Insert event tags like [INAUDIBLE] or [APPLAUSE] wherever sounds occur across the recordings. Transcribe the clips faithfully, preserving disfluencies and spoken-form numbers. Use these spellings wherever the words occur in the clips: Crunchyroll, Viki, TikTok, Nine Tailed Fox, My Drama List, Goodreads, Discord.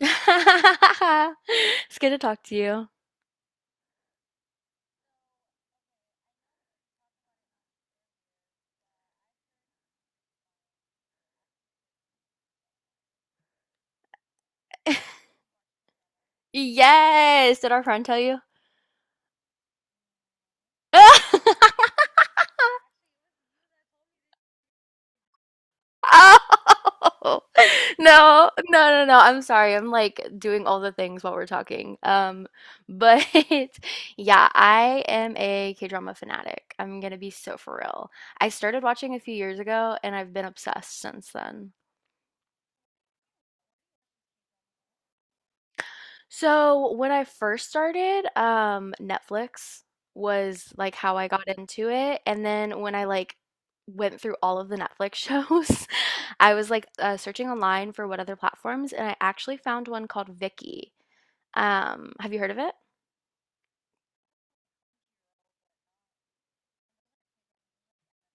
[LAUGHS] It's good to talk to you. Yes! Did our friend tell you? [LAUGHS] Oh! No, no, no, no. I'm sorry. I'm like doing all the things while we're talking. Um, but [LAUGHS] yeah, I am a K-drama fanatic. I'm gonna be so for real. I started watching a few years ago and I've been obsessed since then. So when I first started, um, Netflix was like how I got into it. And then when I like went through all of the Netflix shows, [LAUGHS] I was like uh, searching online for what other platforms, and I actually found one called Viki. Um, have you heard of it?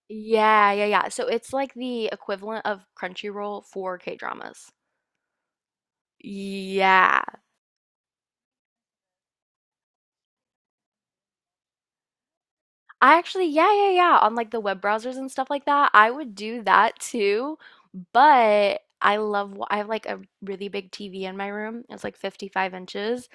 Yeah, yeah, yeah. So it's like the equivalent of Crunchyroll for K-dramas. Yeah. I actually, yeah, yeah, yeah. On like the web browsers and stuff like that, I would do that too. But I love, wa- I have like a really big T V in my room. It's like fifty-five inches.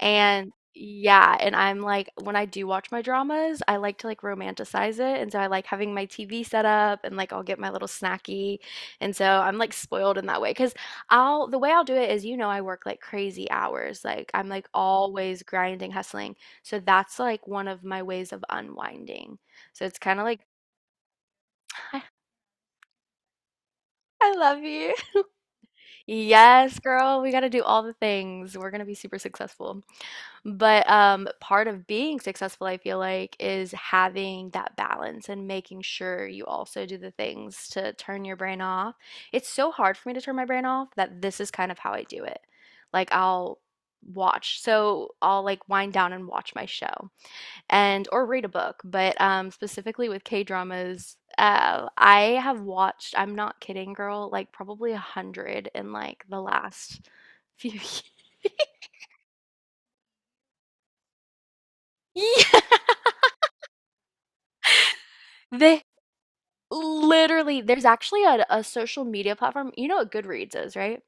And yeah, and I'm like, when I do watch my dramas, I like to like romanticize it. And so I like having my T V set up and like I'll get my little snacky. And so I'm like spoiled in that way, because 'Cause I'll the way I'll do it is, you know I work like crazy hours. Like I'm like always grinding, hustling. So that's like one of my ways of unwinding. So it's kind of like [LAUGHS] I love you. [LAUGHS] Yes, girl, we got to do all the things. We're going to be super successful. But um, part of being successful, I feel like, is having that balance and making sure you also do the things to turn your brain off. It's so hard for me to turn my brain off that this is kind of how I do it. Like I'll watch, so I'll like wind down and watch my show and or read a book. But um, specifically with K-dramas, uh, I have watched, I'm not kidding, girl, like probably a hundred in like the last few [LAUGHS] years. Yeah. They Literally, there's actually a a social media platform. You know what Goodreads is, right?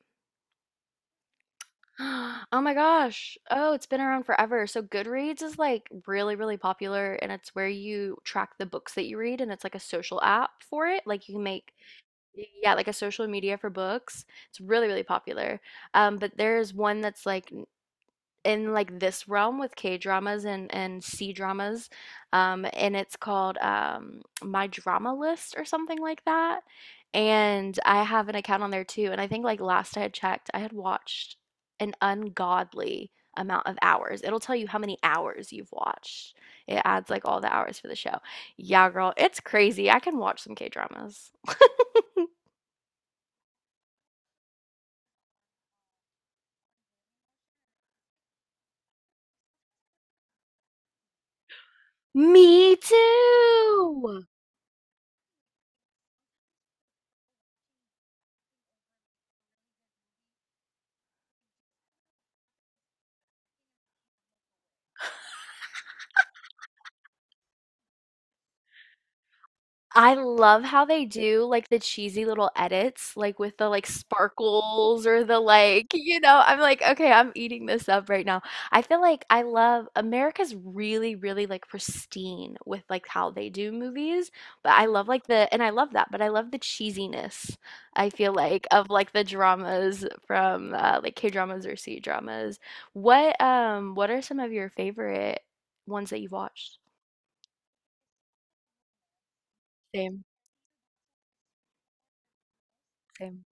[GASPS] Oh my gosh. Oh, it's been around forever. So Goodreads is like really, really popular and it's where you track the books that you read and it's like a social app for it. Like you can make, yeah, like a social media for books. It's really, really popular. Um, but there's one that's like in like this realm with K dramas and and C dramas, um, and it's called um, My Drama List or something like that. And I have an account on there too. And I think like last I had checked, I had watched an ungodly amount of hours. It'll tell you how many hours you've watched. It adds like all the hours for the show. Yeah, girl, it's crazy. I can watch some K dramas. Me too. I love how they do like the cheesy little edits, like with the like sparkles or the like, [LAUGHS] you know, I'm like, okay, I'm eating this up right now. I feel like I love America's really, really like pristine with like how they do movies, but I love like the, and I love that, but I love the cheesiness, I feel like, of like the dramas from uh, like K-dramas or C-dramas. What, um, what are some of your favorite ones that you've watched? Same, same,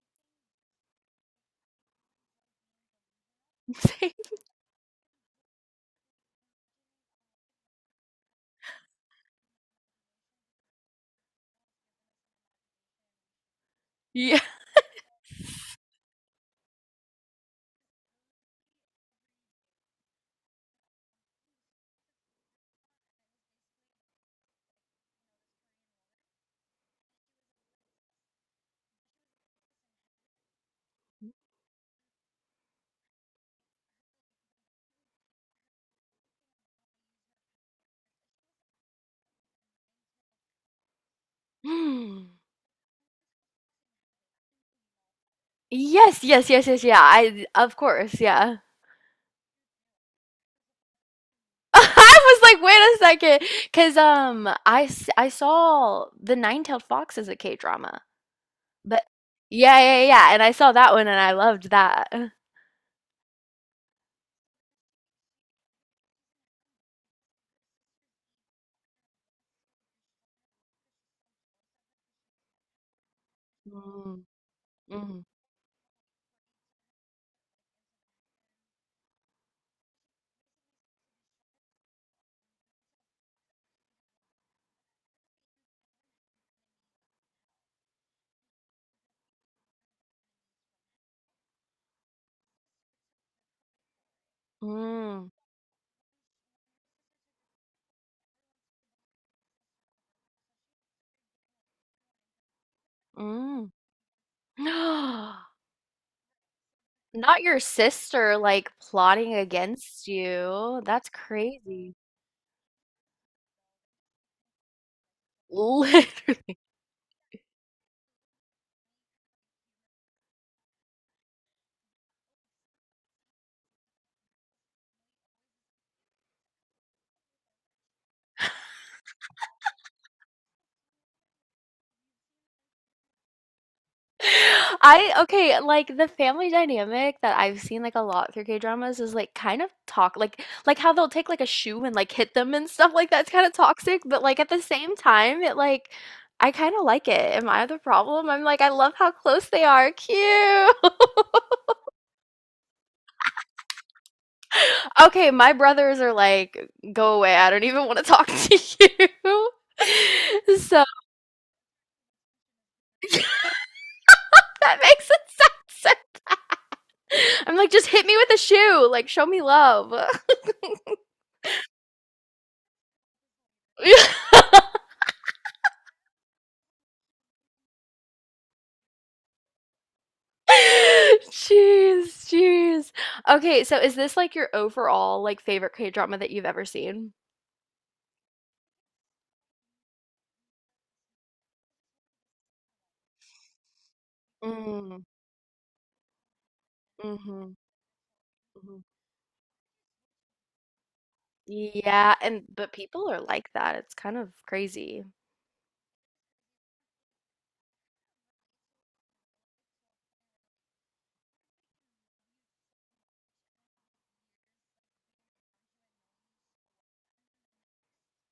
[LAUGHS] same. Yeah. [GASPS] Hmm. Yes, yes, yes, yes, yeah. I Of course, yeah. [LAUGHS] I was like, wait a second, because um, I s- I saw the Nine Tailed Fox as a K drama, but yeah, yeah, yeah, and I saw that one and I loved that. [GASPS] Mm, mm, mm, mm. [GASPS] Not your sister like plotting against you. That's crazy. [LAUGHS] Literally. I Okay, like the family dynamic that I've seen like a lot through K-dramas is like kind of talk like like how they'll take like a shoe and like hit them and stuff like that's kind of toxic, but like at the same time it like I kind of like it. Am I the problem? I'm like I love how close they are. Cute. [LAUGHS] Okay, my brothers are like go away. I don't even want to talk to you. [LAUGHS] So [LAUGHS] that makes it sound so bad. [LAUGHS] I'm like just hit me with a shoe. Like show me love. [LAUGHS] [LAUGHS] Jeez, jeez. Okay, so is this like your overall like favorite K-drama that you've ever seen? Mm, mhm, mhm. Yeah, and but people are like that. It's kind of crazy.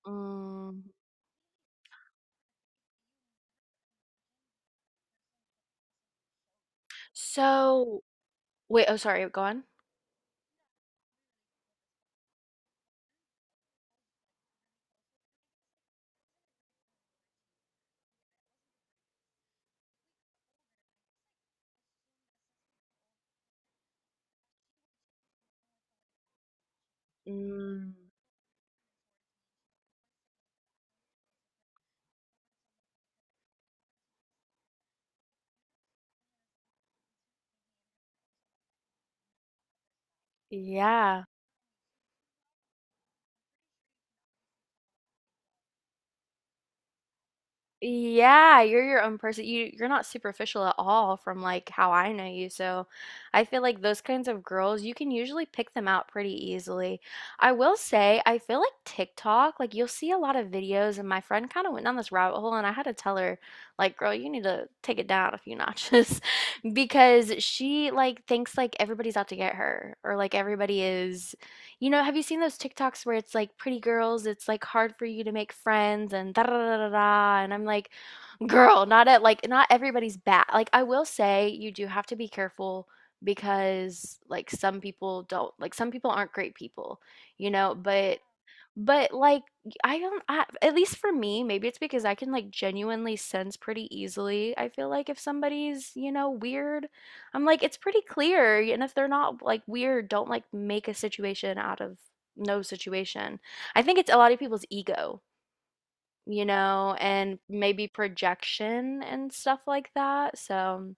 Mm. So, wait, oh sorry, go on. Mm, yeah. Yeah, you're your own person. You you're not superficial at all from like how I know you. So I feel like those kinds of girls, you can usually pick them out pretty easily. I will say, I feel like TikTok, like you'll see a lot of videos and my friend kind of went down this rabbit hole and I had to tell her like, girl, you need to take it down a few [LAUGHS] notches because she like thinks like everybody's out to get her or like everybody is, you know, have you seen those TikToks where it's like pretty girls it's like hard for you to make friends and da da da da da and I'm like girl not at like not everybody's bad. Like I will say you do have to be careful because like some people don't like some people aren't great people, you know, but but, like, I I don't I at least for me, maybe it's because I can, like, genuinely sense pretty easily, I feel like if somebody's, you know, weird, I'm like, "It's pretty clear," and if they're not, like, weird, don't, like, make a situation out of no situation. I think it's a lot of people's ego, you know, and maybe projection and stuff like that, so,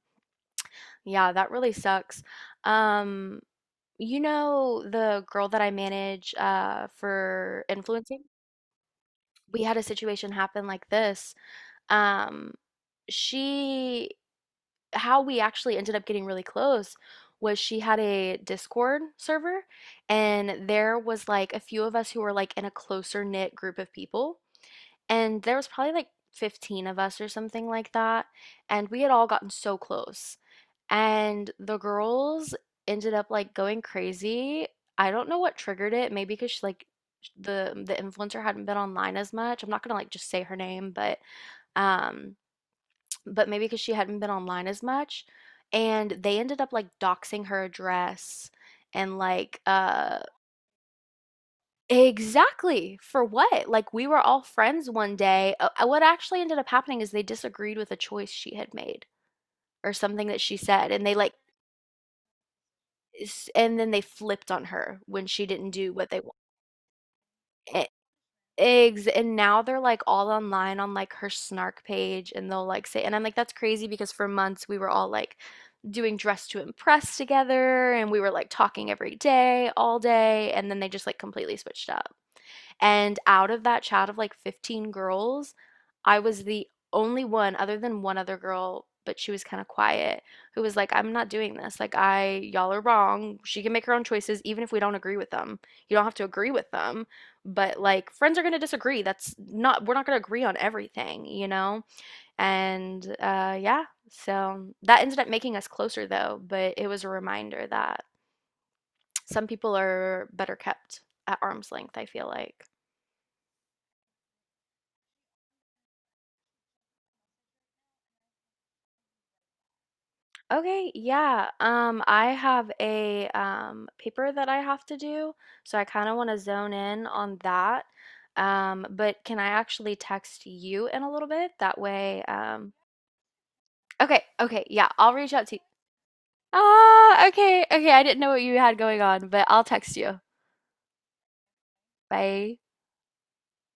yeah, that really sucks. Um, you know the girl that I manage, uh, for influencing? We had a situation happen like this. Um, she, how we actually ended up getting really close was she had a Discord server, and there was like a few of us who were like in a closer knit group of people, and there was probably like fifteen of us or something like that, and we had all gotten so close. And the girls ended up, like, going crazy. I don't know what triggered it, maybe 'cause sh like, the the influencer hadn't been online as much. I'm not gonna, like, just say her name, but, um but maybe because she hadn't been online as much, and they ended up, like, doxing her address and, like, uh Exactly! For what? Like, we were all friends one day. Uh, uh, what actually ended up happening is they disagreed with a choice she had made or something that she said, and they, like, s- and then they flipped on her when she didn't do what they wanted. Eggs, and now they're like all online on like her snark page, and they'll like say, and I'm like, that's crazy because for months we were all like doing dress to impress together, and we were like talking every day, all day, and then they just like completely switched up. And out of that chat of like fifteen girls, I was the only one, other than one other girl, but she was kind of quiet, who was like, I'm not doing this. Like, I, y'all are wrong. She can make her own choices, even if we don't agree with them. You don't have to agree with them. But like, friends are going to disagree. That's not, we're not going to agree on everything, you know? And uh, yeah, so that ended up making us closer though, but it was a reminder that some people are better kept at arm's length, I feel like. Okay, yeah. Um, I have a um, paper that I have to do, so I kind of want to zone in on that. Um, but can I actually text you in a little bit? That way, um, okay, okay, yeah, I'll reach out to you. Ah, okay, okay, I didn't know what you had going on, but I'll text you. Bye.